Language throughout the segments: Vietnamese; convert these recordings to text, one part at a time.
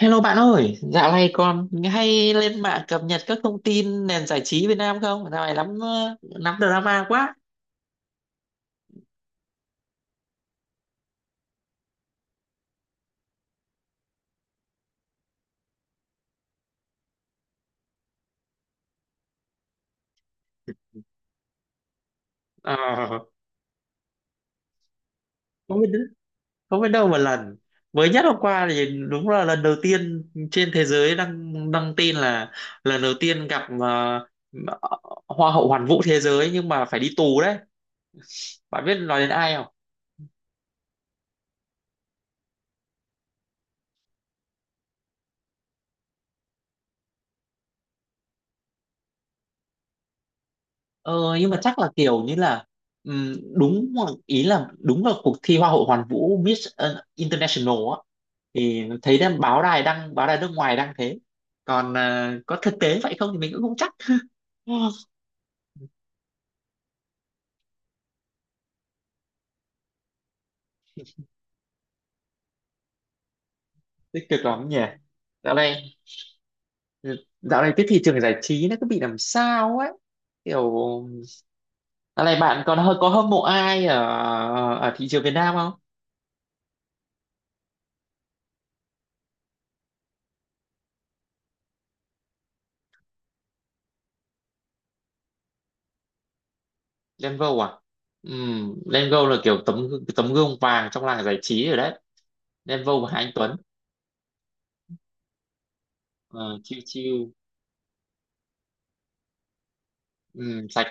Hello bạn ơi, dạo này còn hay lên mạng cập nhật các thông tin nền giải trí Việt Nam không? Dạo này lắm drama quá. Ờ, không biết không biết đâu một lần. Mới nhất hôm qua thì đúng là lần đầu tiên trên thế giới đăng đăng tin là lần đầu tiên gặp Hoa hậu Hoàn vũ thế giới nhưng mà phải đi tù đấy. Bạn biết nói đến ai? Ờ, nhưng mà chắc là kiểu như là ý là đúng là cuộc thi Hoa hậu Hoàn vũ Miss International á, thì thấy đang báo đài đăng báo đài nước ngoài đăng thế, còn có thực tế vậy không thì mình cũng không chắc tích cực lắm nhỉ. Dạo này dạo này cái thị trường giải trí nó cứ bị làm sao ấy, kiểu dạo này bạn còn hơi có hâm mộ ai ở ở thị trường Việt Nam không? Lengo à? Lengo là kiểu tấm tấm gương vàng trong làng giải trí rồi đấy. Đen Vâu và Hà Anh Tuấn. Ờ, Chill chill. Sạch.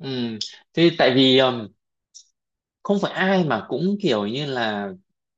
Ừm, Thế tại vì không phải ai mà cũng kiểu như là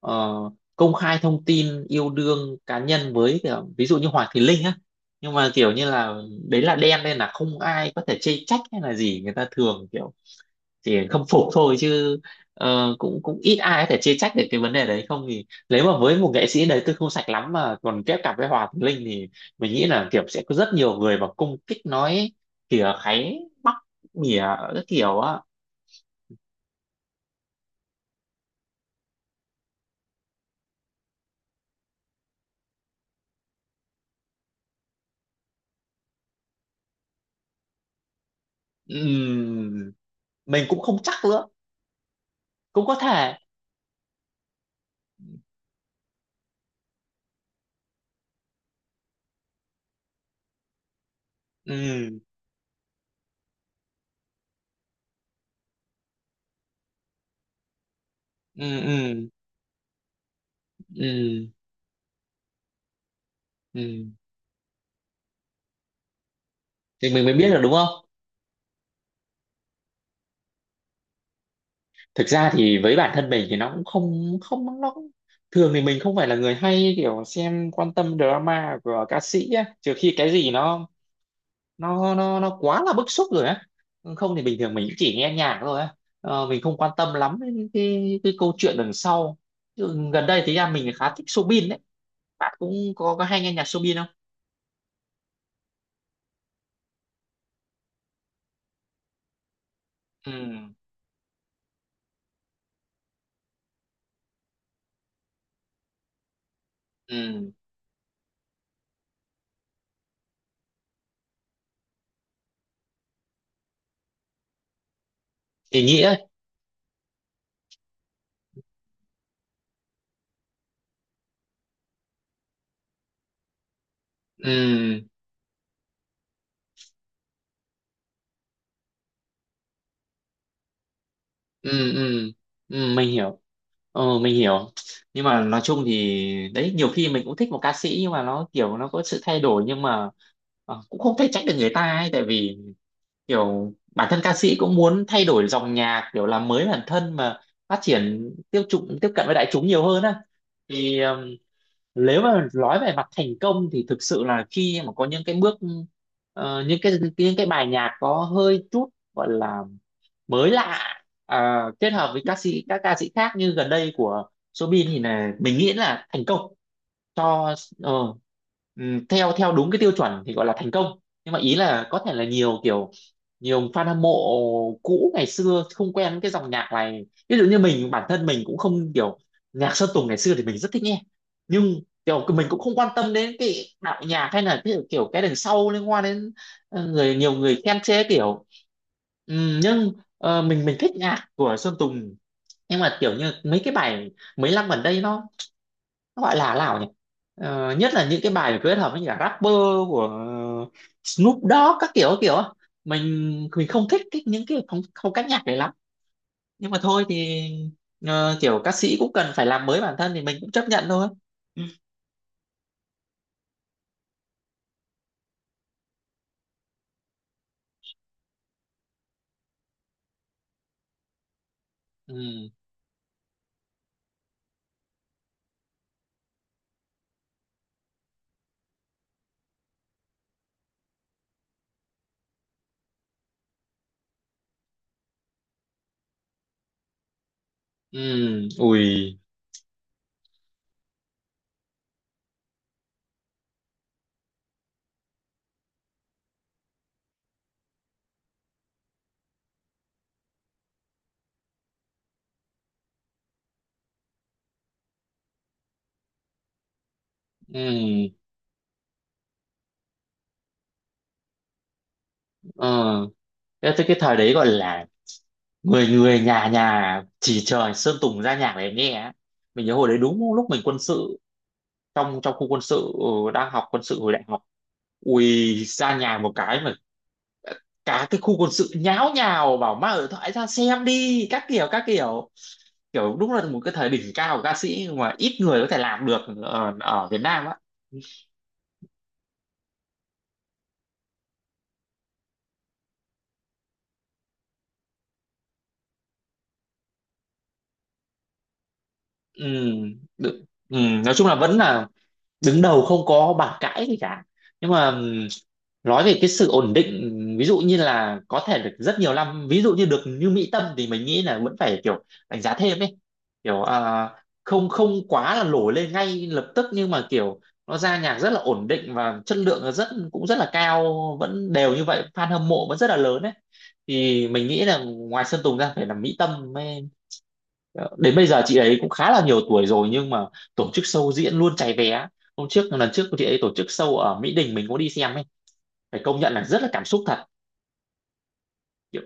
ờ, công khai thông tin yêu đương cá nhân với kiểu, ví dụ như Hoàng Thùy Linh á. Nhưng mà kiểu như là đấy là đen nên là không ai có thể chê trách hay là gì, người ta thường kiểu chỉ không phục thôi chứ, cũng cũng ít ai có thể chê trách được cái vấn đề đấy. Không thì nếu mà với một nghệ sĩ đấy tôi không sạch lắm mà còn kết cặp với Hòa Thùy Linh thì mình nghĩ là kiểu sẽ có rất nhiều người mà cung kích nói, kìa kháy, mỉa các kiểu á. Ừm, mình cũng không chắc nữa, cũng có thể. Ừm, ừm, ừm, ừm, ừm, thì mình mới biết được đúng không. Thực ra thì với bản thân mình thì nó cũng không không thường thì mình không phải là người hay kiểu xem quan tâm drama của ca sĩ á, trừ khi cái gì nó quá là bức xúc rồi á, không thì bình thường mình chỉ nghe nhạc thôi á. Mình không quan tâm lắm đến cái câu chuyện đằng sau. Chứ gần đây thì ra mình khá thích Soobin đấy, bạn cũng có hay nghe nhạc Soobin không? Ừ, ừ, thì nghĩa ấy. Ừ, ừ, ừ, ừ, mình hiểu. Mình hiểu. Nhưng mà nói chung thì đấy, nhiều khi mình cũng thích một ca sĩ nhưng mà nó kiểu nó có sự thay đổi, nhưng mà cũng không thể trách được người ta ấy, tại vì kiểu bản thân ca sĩ cũng muốn thay đổi dòng nhạc, kiểu làm mới bản thân mà phát triển tiêu chuẩn tiếp cận với đại chúng nhiều hơn á. Thì nếu mà nói về mặt thành công thì thực sự là khi mà có những cái bước những cái bài nhạc có hơi chút gọi là mới lạ, kết hợp với ca sĩ các ca sĩ khác như gần đây của Soobin thì là mình nghĩ là thành công. Cho ờ, theo theo đúng cái tiêu chuẩn thì gọi là thành công. Nhưng mà ý là có thể là nhiều fan hâm mộ cũ ngày xưa không quen cái dòng nhạc này, ví dụ như mình, bản thân mình cũng không kiểu nhạc Sơn Tùng ngày xưa thì mình rất thích nghe, nhưng kiểu mình cũng không quan tâm đến cái đạo nhạc hay là cái, kiểu cái đằng sau liên quan đến nhiều người khen chê kiểu. Nhưng mình thích nhạc của Sơn Tùng, nhưng mà kiểu như mấy cái bài mấy năm gần đây nó gọi là nào nhỉ. Nhất là những cái bài kết hợp với những cả rapper của Snoop Dogg các kiểu á. mình mình không thích cái, những cái phong cách nhạc này lắm, nhưng mà thôi thì kiểu ca sĩ cũng cần phải làm mới bản thân thì mình cũng chấp nhận thôi. Ừ, ừ, ui, ừ. Ờ cái, cái cái thời đấy gọi là người người nhà nhà chỉ trời Sơn Tùng ra nhạc để nghe á. Mình nhớ hồi đấy đúng lúc mình quân sự, trong trong khu quân sự, đang học quân sự hồi đại học. Ui, ra nhà một cái mà cả cái khu quân sự nháo nhào bảo mang điện thoại ra xem đi các kiểu các kiểu. Kiểu đúng là một cái thời đỉnh cao của ca sĩ mà ít người có thể làm được ở Việt Nam á. Ừ, đự- ừ, nói chung là vẫn là đứng đầu không có bàn cãi gì cả. Nhưng mà nói về cái sự ổn định, ví dụ như là có thể được rất nhiều năm, ví dụ như được như Mỹ Tâm thì mình nghĩ là vẫn phải kiểu đánh giá thêm ấy. Kiểu không không quá là nổi lên ngay lập tức nhưng mà kiểu nó ra nhạc rất là ổn định và chất lượng là cũng rất là cao, vẫn đều như vậy, fan hâm mộ vẫn rất là lớn ấy. Thì mình nghĩ là ngoài Sơn Tùng ra phải là Mỹ Tâm. Đến bây giờ chị ấy cũng khá là nhiều tuổi rồi nhưng mà tổ chức show diễn luôn cháy vé. Hôm trước Lần trước chị ấy tổ chức show ở Mỹ Đình mình có đi xem ấy. Phải công nhận là rất là cảm xúc thật kiểu.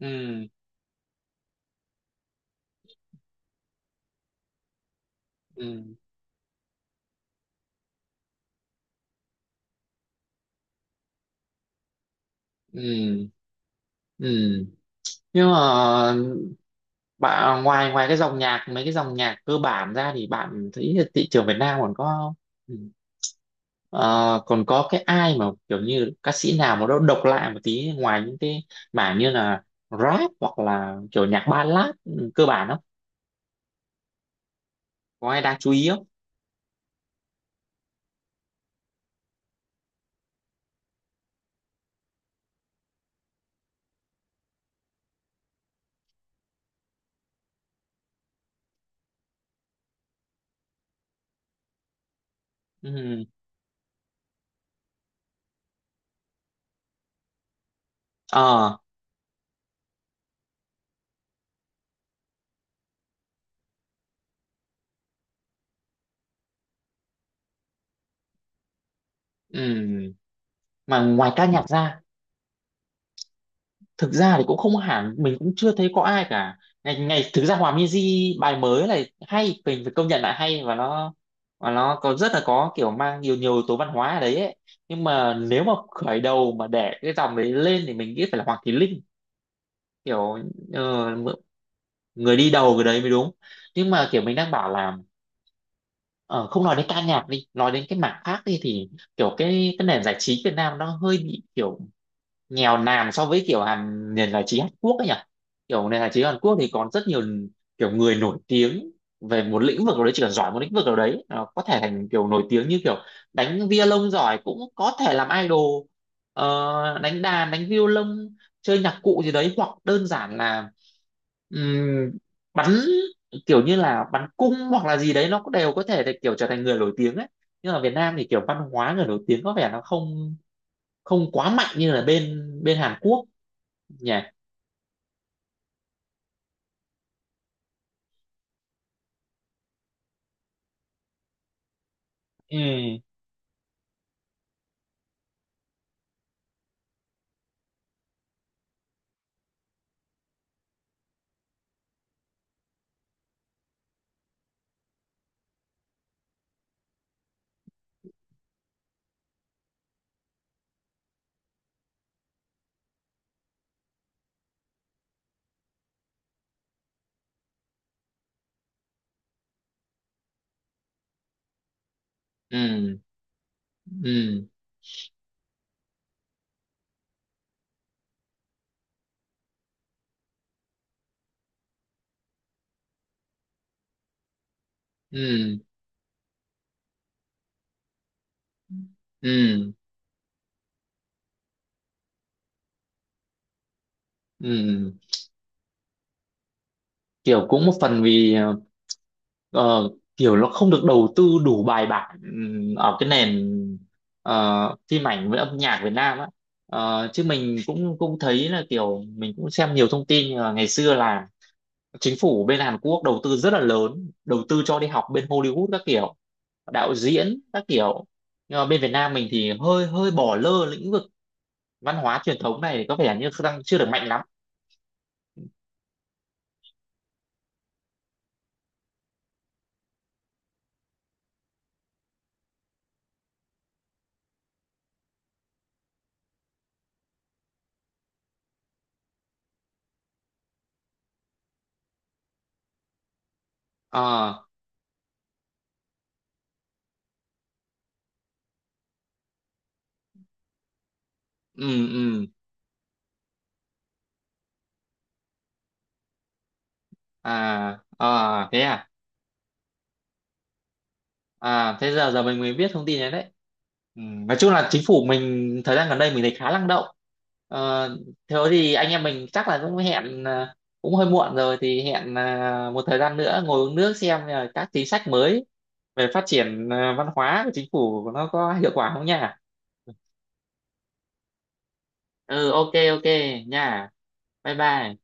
Ừ, ừ, ừ, ừ. Nhưng mà bạn, ngoài ngoài cái dòng nhạc mấy cái dòng nhạc cơ bản ra thì bạn thấy là thị trường Việt Nam còn có ừ, ờ, còn có cái ai mà kiểu như ca sĩ nào mà nó độc lạ một tí ngoài những cái mảng như là rap hoặc là kiểu nhạc ballad cơ bản không, có ai đáng chú ý không? ừ ờ ừ mà ngoài ca nhạc ra, thực ra thì cũng không hẳn, mình cũng chưa thấy có ai cả. Ngày ngày thực ra Hòa Minzy bài mới này hay, mình phải công nhận là hay. Và nó có rất là có kiểu mang nhiều nhiều yếu tố văn hóa ở đấy ấy. Nhưng mà nếu mà khởi đầu mà để cái dòng đấy lên thì mình nghĩ phải là Hoàng Thùy Linh, kiểu ờ, người đi đầu cái đấy mới đúng. Nhưng mà kiểu mình đang bảo là Ờ, không nói đến ca nhạc đi, nói đến cái mảng khác đi thì kiểu cái nền giải trí Việt Nam nó hơi bị kiểu nghèo nàn so với kiểu nền giải trí Hàn Quốc ấy nhỉ. Kiểu nền giải trí Hàn Quốc thì còn rất nhiều kiểu người nổi tiếng về một lĩnh vực nào đấy, chỉ cần giỏi một lĩnh vực nào đấy nó có thể thành kiểu nổi tiếng, như kiểu đánh violon giỏi cũng có thể làm idol. Đánh đàn đánh violon chơi nhạc cụ gì đấy, hoặc đơn giản là Ừm, bắn kiểu như là bắn cung hoặc là gì đấy nó cũng đều có thể để kiểu trở thành người nổi tiếng ấy. Nhưng mà Việt Nam thì kiểu văn hóa người nổi tiếng có vẻ nó không không quá mạnh như là bên bên Hàn Quốc nhỉ. Ừ, ừ, ừ, ừ, ừ, ừ, kiểu cũng một phần vì ờ, kiểu nó không được đầu tư đủ bài bản, ở cái nền phim ảnh với âm nhạc Việt Nam á. Chứ mình cũng cũng thấy là kiểu mình cũng xem nhiều thông tin, ngày xưa là chính phủ bên Hàn Quốc đầu tư rất là lớn, đầu tư cho đi học bên Hollywood các kiểu, đạo diễn các kiểu. Nhưng mà bên Việt Nam mình thì hơi hơi bỏ lơ lĩnh vực văn hóa truyền thống này, có vẻ như đang chưa được mạnh lắm. Ờ, ừ, ừ, à, à, thế à. À, thế giờ giờ mình mới biết thông tin này đấy. Ừ, nói chung là chính phủ mình thời gian gần đây mình thấy khá năng động. ờ, Thế thì anh em mình chắc là cũng hẹn, cũng hơi muộn rồi thì hẹn một thời gian nữa ngồi uống nước xem là các chính sách mới về phát triển văn hóa của chính phủ nó có hiệu quả không nha. Ừ, ok, ok, nha, bye bye.